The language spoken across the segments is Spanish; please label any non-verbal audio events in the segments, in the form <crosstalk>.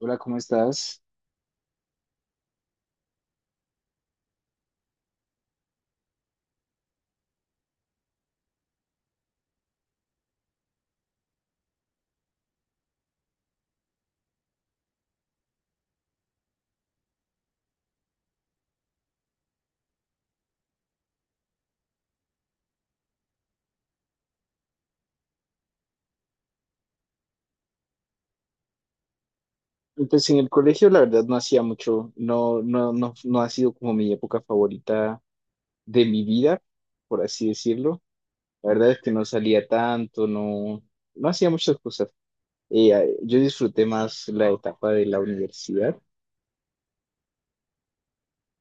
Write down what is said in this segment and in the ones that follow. Hola, ¿cómo estás? Pues en el colegio la verdad no hacía mucho, no, no, no, no ha sido como mi época favorita de mi vida, por así decirlo. La verdad es que no salía tanto, no, no hacía muchas cosas. Yo disfruté más la etapa de la universidad,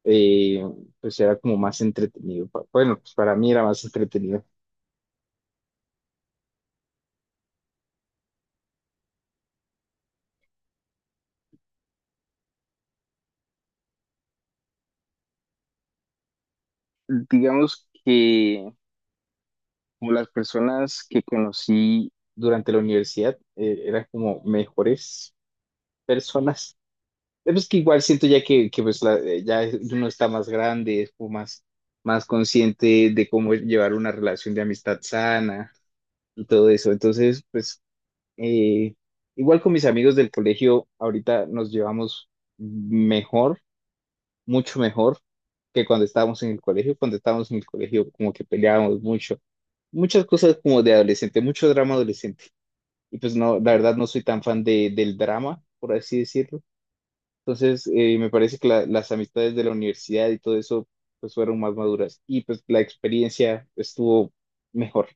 eh, pues era como más entretenido. Bueno, pues para mí era más entretenido. Digamos que como las personas que conocí durante la universidad eran como mejores personas. Pues que igual siento ya que pues ya uno está más grande, es como más, más consciente de cómo llevar una relación de amistad sana y todo eso. Entonces, pues eh, igual con mis amigos del colegio, ahorita nos llevamos mejor, mucho mejor que cuando estábamos en el colegio. Cuando estábamos en el colegio, como que peleábamos mucho. Muchas cosas como de adolescente, mucho drama adolescente. Y pues no, la verdad no soy tan fan de, del drama, por así decirlo, entonces, me parece que las amistades de la universidad y todo eso pues fueron más maduras y pues la experiencia estuvo mejor.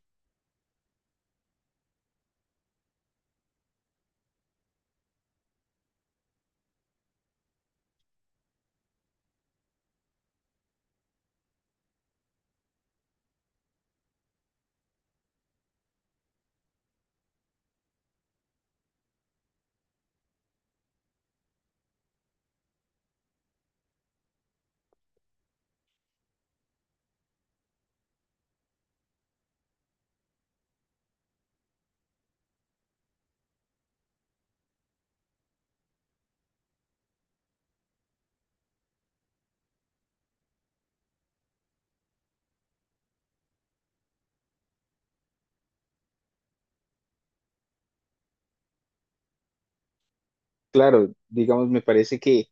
Claro, digamos, me parece que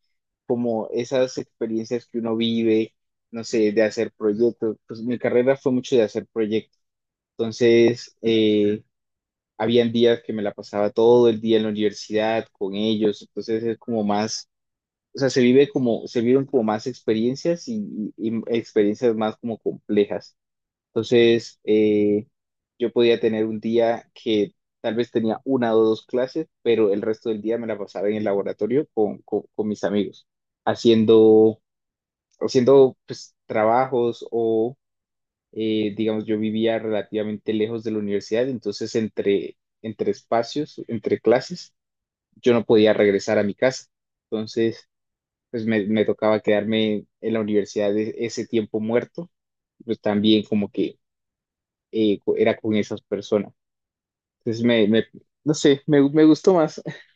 como esas experiencias que uno vive, no sé, de hacer proyectos, pues mi carrera fue mucho de hacer proyectos. Entonces, habían días que me la pasaba todo el día en la universidad con ellos, entonces es como más, o sea, se vive como, se vieron como más experiencias y y experiencias más como complejas. Entonces, yo podía tener un día que tal vez tenía una o dos clases, pero el resto del día me la pasaba en el laboratorio con mis amigos, haciendo, haciendo pues trabajos o, digamos, yo vivía relativamente lejos de la universidad, entonces entre espacios, entre clases, yo no podía regresar a mi casa. Entonces, pues me tocaba quedarme en la universidad ese tiempo muerto, pues también como que era con esas personas. Entonces me, me- no sé, me gustó más. <laughs>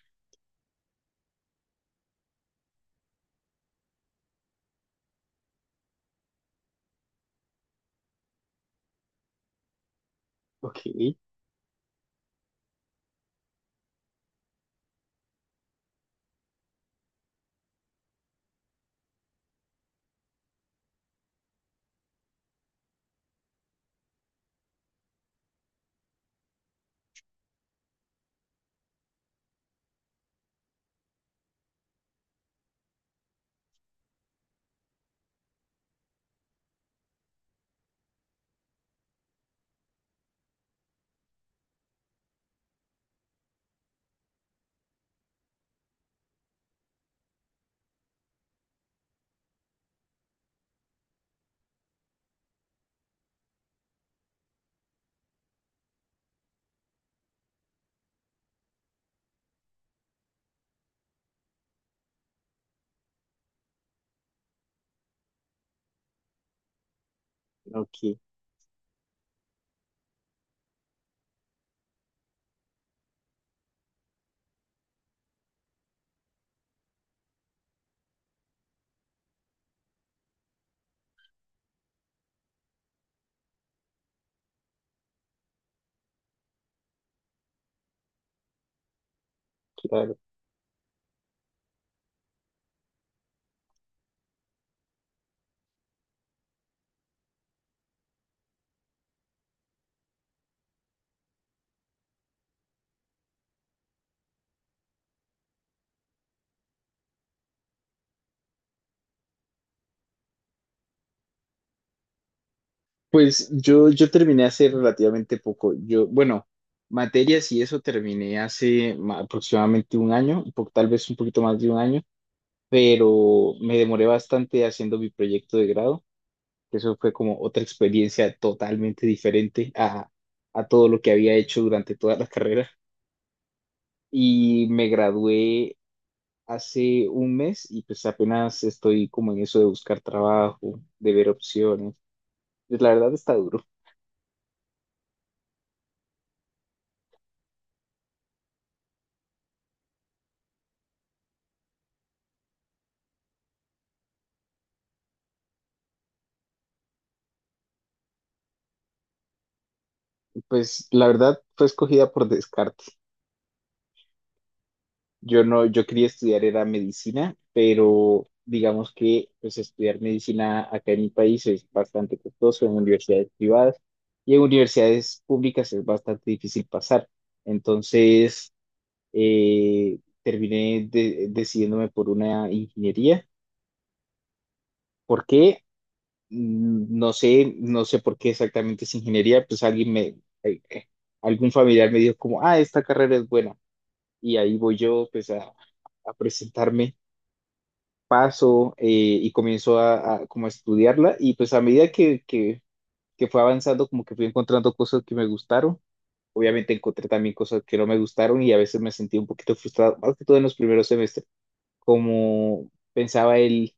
Ok, ok, claro. Pues yo terminé hace relativamente poco. Yo, bueno, materias y eso terminé hace aproximadamente un año, tal vez un poquito más de un año, pero me demoré bastante haciendo mi proyecto de grado. Que Eso fue como otra experiencia totalmente diferente a todo lo que había hecho durante toda la carrera. Y me gradué hace un mes y pues apenas estoy como en eso de buscar trabajo, de ver opciones. Pues la verdad está duro. Pues la verdad fue escogida por descarte. Yo no, Yo quería estudiar era medicina, pero digamos que pues estudiar medicina acá en mi país es bastante costoso en universidades privadas y en universidades públicas es bastante difícil pasar. Entonces, terminé decidiéndome por una ingeniería. ¿Por qué? No sé, no sé por qué exactamente es ingeniería, pues alguien me, eh, eh, algún familiar me dijo como, ah, esta carrera es buena. Y ahí voy yo, pues a presentarme, paso y comienzo a como a estudiarla y pues a medida que fue avanzando, como que fui encontrando cosas que me gustaron. Obviamente encontré también cosas que no me gustaron y a veces me sentí un poquito frustrado, más que todo en los primeros semestres, como pensaba él,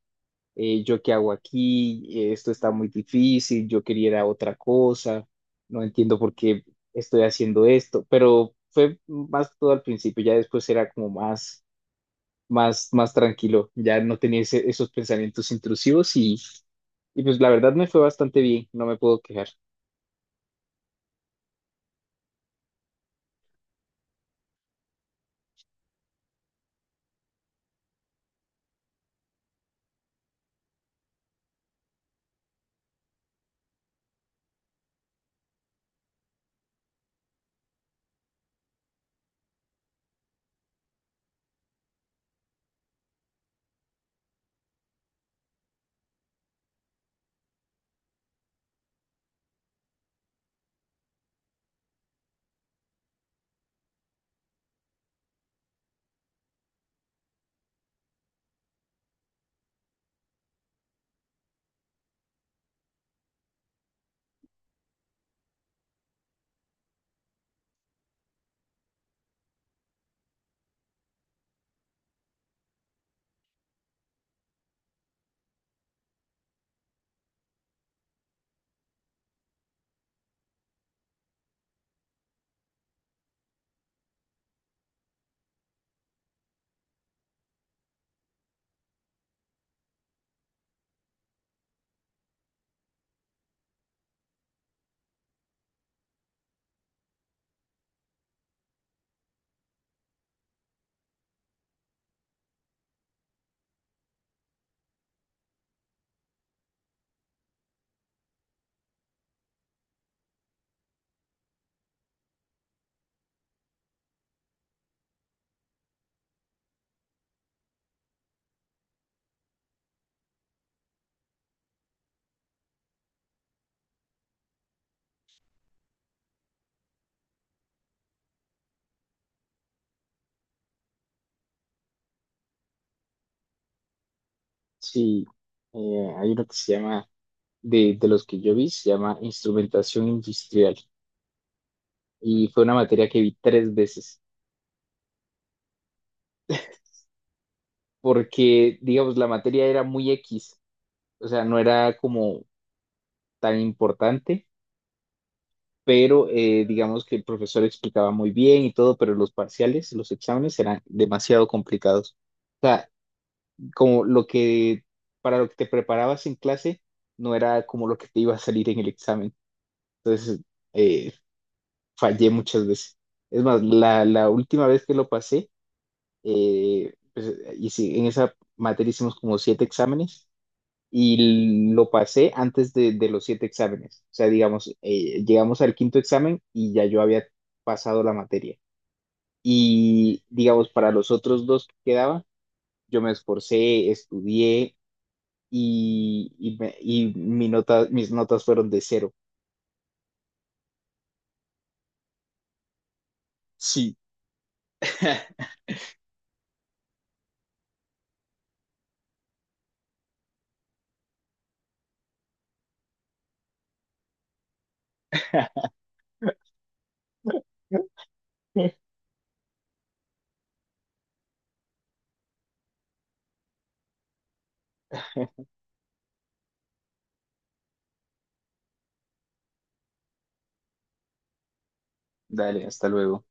yo qué hago aquí, esto está muy difícil, yo quería ir a otra cosa, no entiendo por qué estoy haciendo esto, pero fue más todo al principio, ya después era como más, más tranquilo, ya no tenía esos pensamientos intrusivos y pues la verdad me fue bastante bien, no me puedo quejar. Sí, hay uno que se llama, de los que yo vi, se llama Instrumentación Industrial y fue una materia que vi tres veces. Porque, digamos, la materia era muy X, o sea, no era como tan importante, pero digamos que el profesor explicaba muy bien y todo, pero los parciales, los exámenes eran demasiado complicados. O sea, como lo que, para lo que te preparabas en clase, no era como lo que te iba a salir en el examen. Entonces, eh, fallé muchas veces. Es más, la última vez que lo pasé, pues, y sí, en esa materia hicimos como siete exámenes y lo pasé antes de los siete exámenes. O sea, digamos, llegamos al quinto examen y ya yo había pasado la materia. Y digamos, para los otros dos que quedaban, yo me esforcé, estudié y, y mis notas fueron de cero. Sí. <laughs> Dale, hasta luego.